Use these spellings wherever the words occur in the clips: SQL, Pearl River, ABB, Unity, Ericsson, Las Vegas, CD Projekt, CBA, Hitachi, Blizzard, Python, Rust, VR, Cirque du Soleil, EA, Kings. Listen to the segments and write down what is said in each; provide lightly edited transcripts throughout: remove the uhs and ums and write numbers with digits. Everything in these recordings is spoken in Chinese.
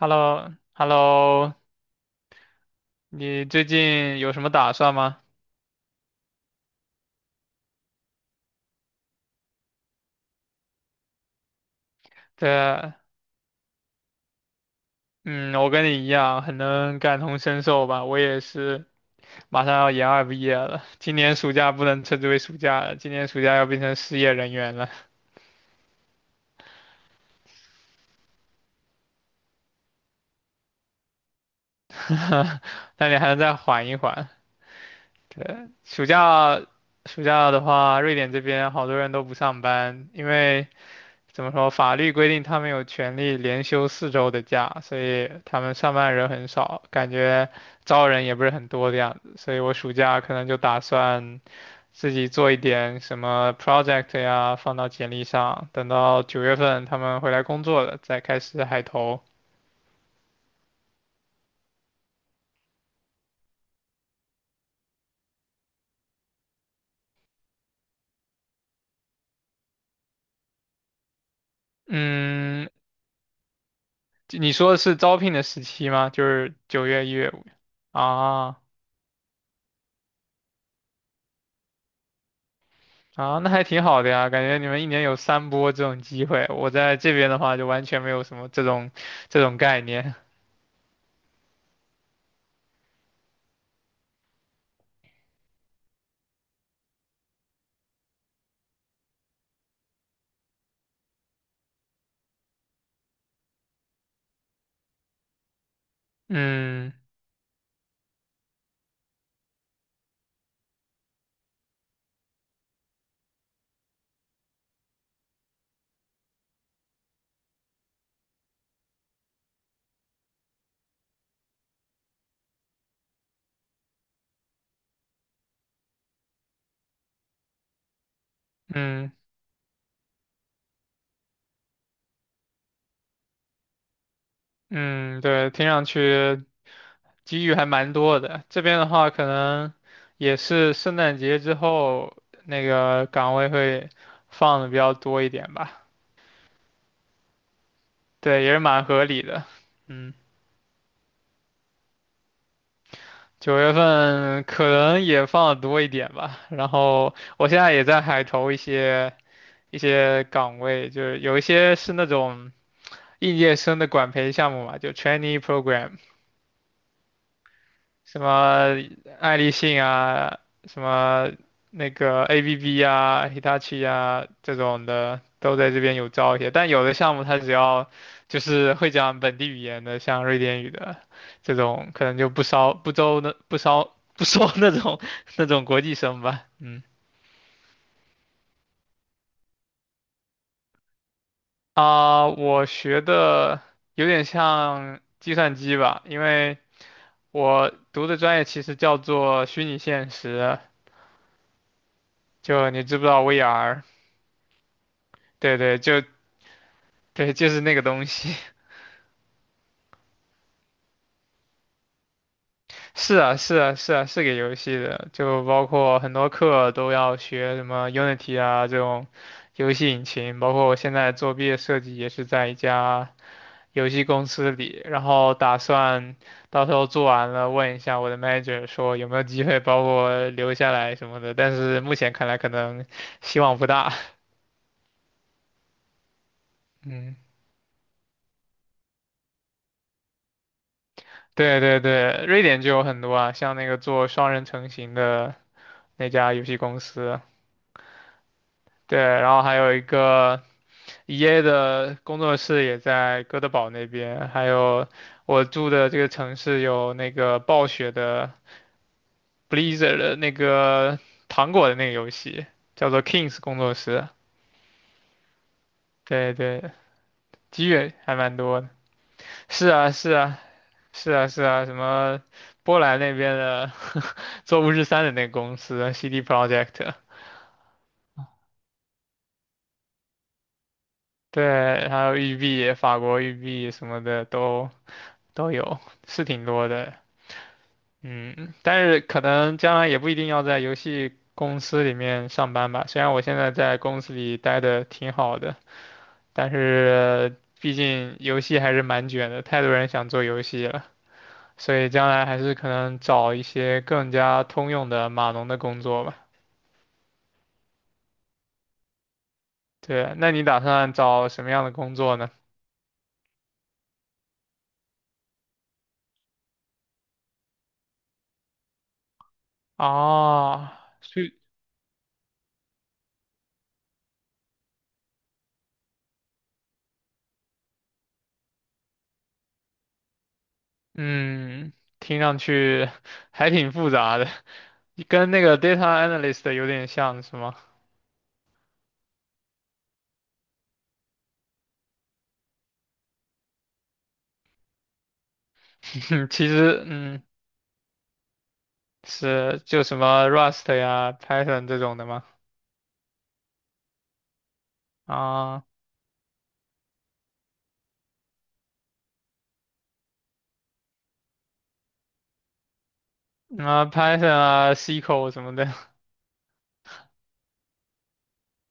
Hello hello 你最近有什么打算吗？对，嗯，我跟你一样，很能感同身受吧。我也是马上要研二毕业了，今年暑假不能称之为暑假了，今年暑假要变成失业人员了。那你还能再缓一缓。对，暑假的话，瑞典这边好多人都不上班，因为怎么说？法律规定他们有权利连休4周的假，所以他们上班人很少，感觉招人也不是很多的样子。所以我暑假可能就打算自己做一点什么 project 呀，放到简历上，等到九月份他们回来工作了，再开始海投。嗯，你说的是招聘的时期吗？就是九月、一月、五月啊。啊，那还挺好的呀，感觉你们一年有三波这种机会，我在这边的话就完全没有什么这种概念。嗯嗯嗯，对，听上去机遇还蛮多的。这边的话，可能也是圣诞节之后那个岗位会放的比较多一点吧。对，也是蛮合理的。嗯，九月份可能也放的多一点吧。然后我现在也在海投一些岗位，就是有一些是那种应届生的管培项目嘛，就 trainee program，什么爱立信啊，什么那个 ABB 啊、Hitachi 啊这种的，都在这边有招一些。但有的项目它只要就是会讲本地语言的，像瑞典语的这种，可能就不招不招那不招不收那种 那种国际生吧。嗯啊，我学的有点像计算机吧，因为。我读的专业其实叫做虚拟现实，就你知不知道 VR？对对，就对，就是那个东西。是啊，是啊，是啊，是给游戏的，就包括很多课都要学什么 Unity 啊这种游戏引擎，包括我现在做毕业设计也是在一家游戏公司里，然后打算到时候做完了问一下我的 manager 说有没有机会把我留下来什么的，但是目前看来可能希望不大，嗯。对对对，瑞典就有很多啊，像那个做双人成型的那家游戏公司，对，然后还有一个 EA 的工作室也在哥德堡那边，还有我住的这个城市有那个暴雪的 Blizzard 的那个糖果的那个游戏，叫做 Kings 工作室，对对，机遇还蛮多的，是啊是啊是啊是啊，什么波兰那边的 做巫师三的那个公司 CD Projekt 对，还有玉璧、法国玉璧什么的都有，是挺多的。嗯，但是可能将来也不一定要在游戏公司里面上班吧。虽然我现在在公司里待的挺好的，但是毕竟游戏还是蛮卷的，太多人想做游戏了，所以将来还是可能找一些更加通用的码农的工作吧。对，那你打算找什么样的工作呢？哦，是嗯，听上去 还挺复杂的，跟那个 data analyst 有点像，是吗？其实，嗯，是就什么 Rust 呀、Python 这种的吗？啊，啊，Python 啊，SQL 什么的，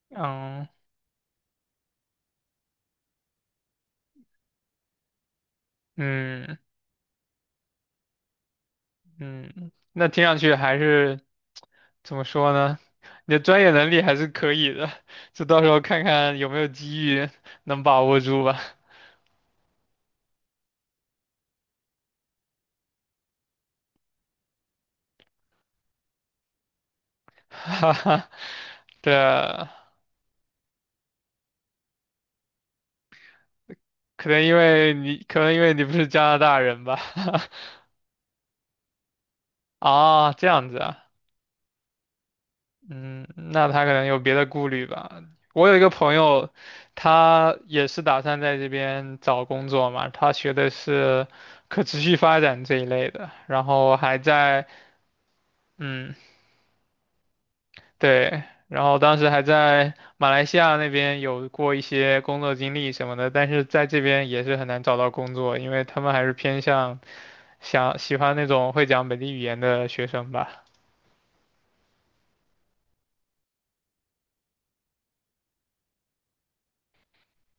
嗯嗯嗯，那听上去还是怎么说呢？你的专业能力还是可以的，就到时候看看有没有机遇能把握住吧。哈哈，对啊。可能因为你，不是加拿大人吧？啊，这样子啊，嗯，那他可能有别的顾虑吧。我有一个朋友，他也是打算在这边找工作嘛，他学的是可持续发展这一类的，然后还在，嗯，对，然后当时还在马来西亚那边有过一些工作经历什么的，但是在这边也是很难找到工作，因为他们还是偏向。想喜欢那种会讲本地语言的学生吧。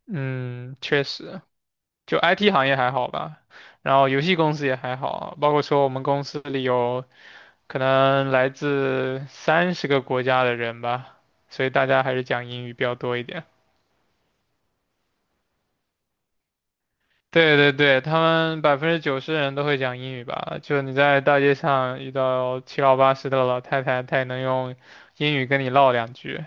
嗯，确实，就 IT 行业还好吧，然后游戏公司也还好，包括说我们公司里有可能来自30个国家的人吧，所以大家还是讲英语比较多一点。对对对，他们90%的人都会讲英语吧？就你在大街上遇到七老八十的老太太，她也能用英语跟你唠两句。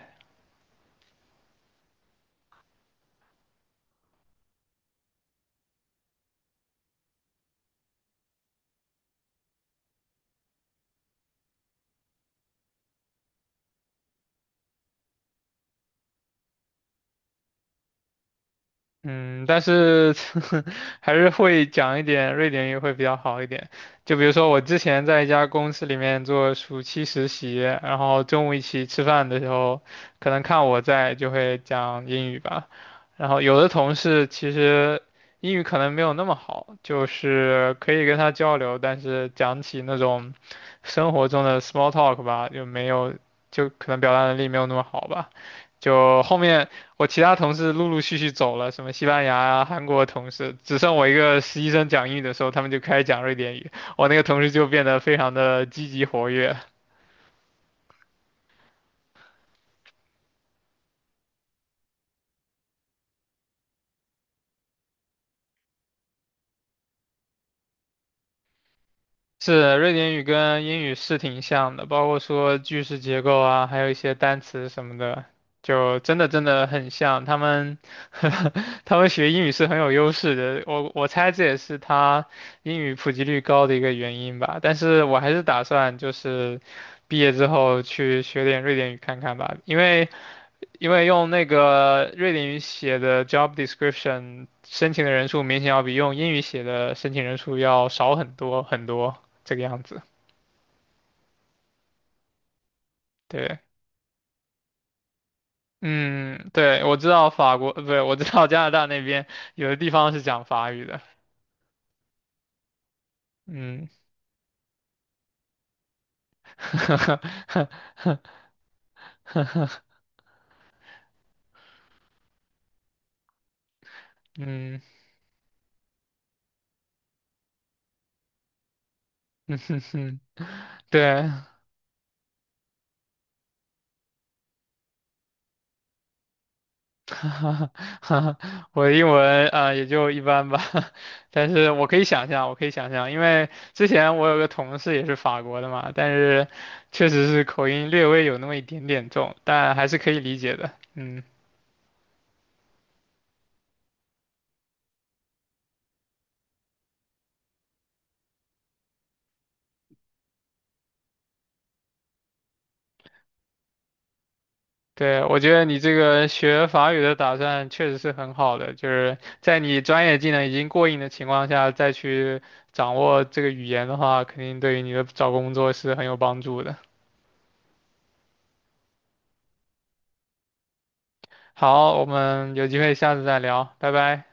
嗯，但是 还是会讲一点瑞典语会比较好一点。就比如说我之前在一家公司里面做暑期实习，然后中午一起吃饭的时候，可能看我在就会讲英语吧。然后有的同事其实英语可能没有那么好，就是可以跟他交流，但是讲起那种生活中的 small talk 吧，就没有，就可能表达能力没有那么好吧。就后面我其他同事陆陆续续走了，什么西班牙啊、韩国的同事，只剩我一个实习生讲英语的时候，他们就开始讲瑞典语，我那个同事就变得非常的积极活跃。是瑞典语跟英语是挺像的，包括说句式结构啊，还有一些单词什么的，就真的真的很像。他们 他们学英语是很有优势的，我猜这也是他英语普及率高的一个原因吧。但是我还是打算就是毕业之后去学点瑞典语看看吧，因为用那个瑞典语写的 job description 申请的人数明显要比用英语写的申请人数要少很多很多，这个样子。对，嗯，对，我知道法国，不对，我知道加拿大那边有的地方是讲法语的。嗯，嗯，对，哈哈，我的英文啊、也就一般吧，但是我可以想象，我可以想象，因为之前我有个同事也是法国的嘛，但是确实是口音略微有那么一点点重，但还是可以理解的。嗯，对，我觉得你这个学法语的打算确实是很好的，就是在你专业技能已经过硬的情况下，再去掌握这个语言的话，肯定对于你的找工作是很有帮助的。好，我们有机会下次再聊，拜拜。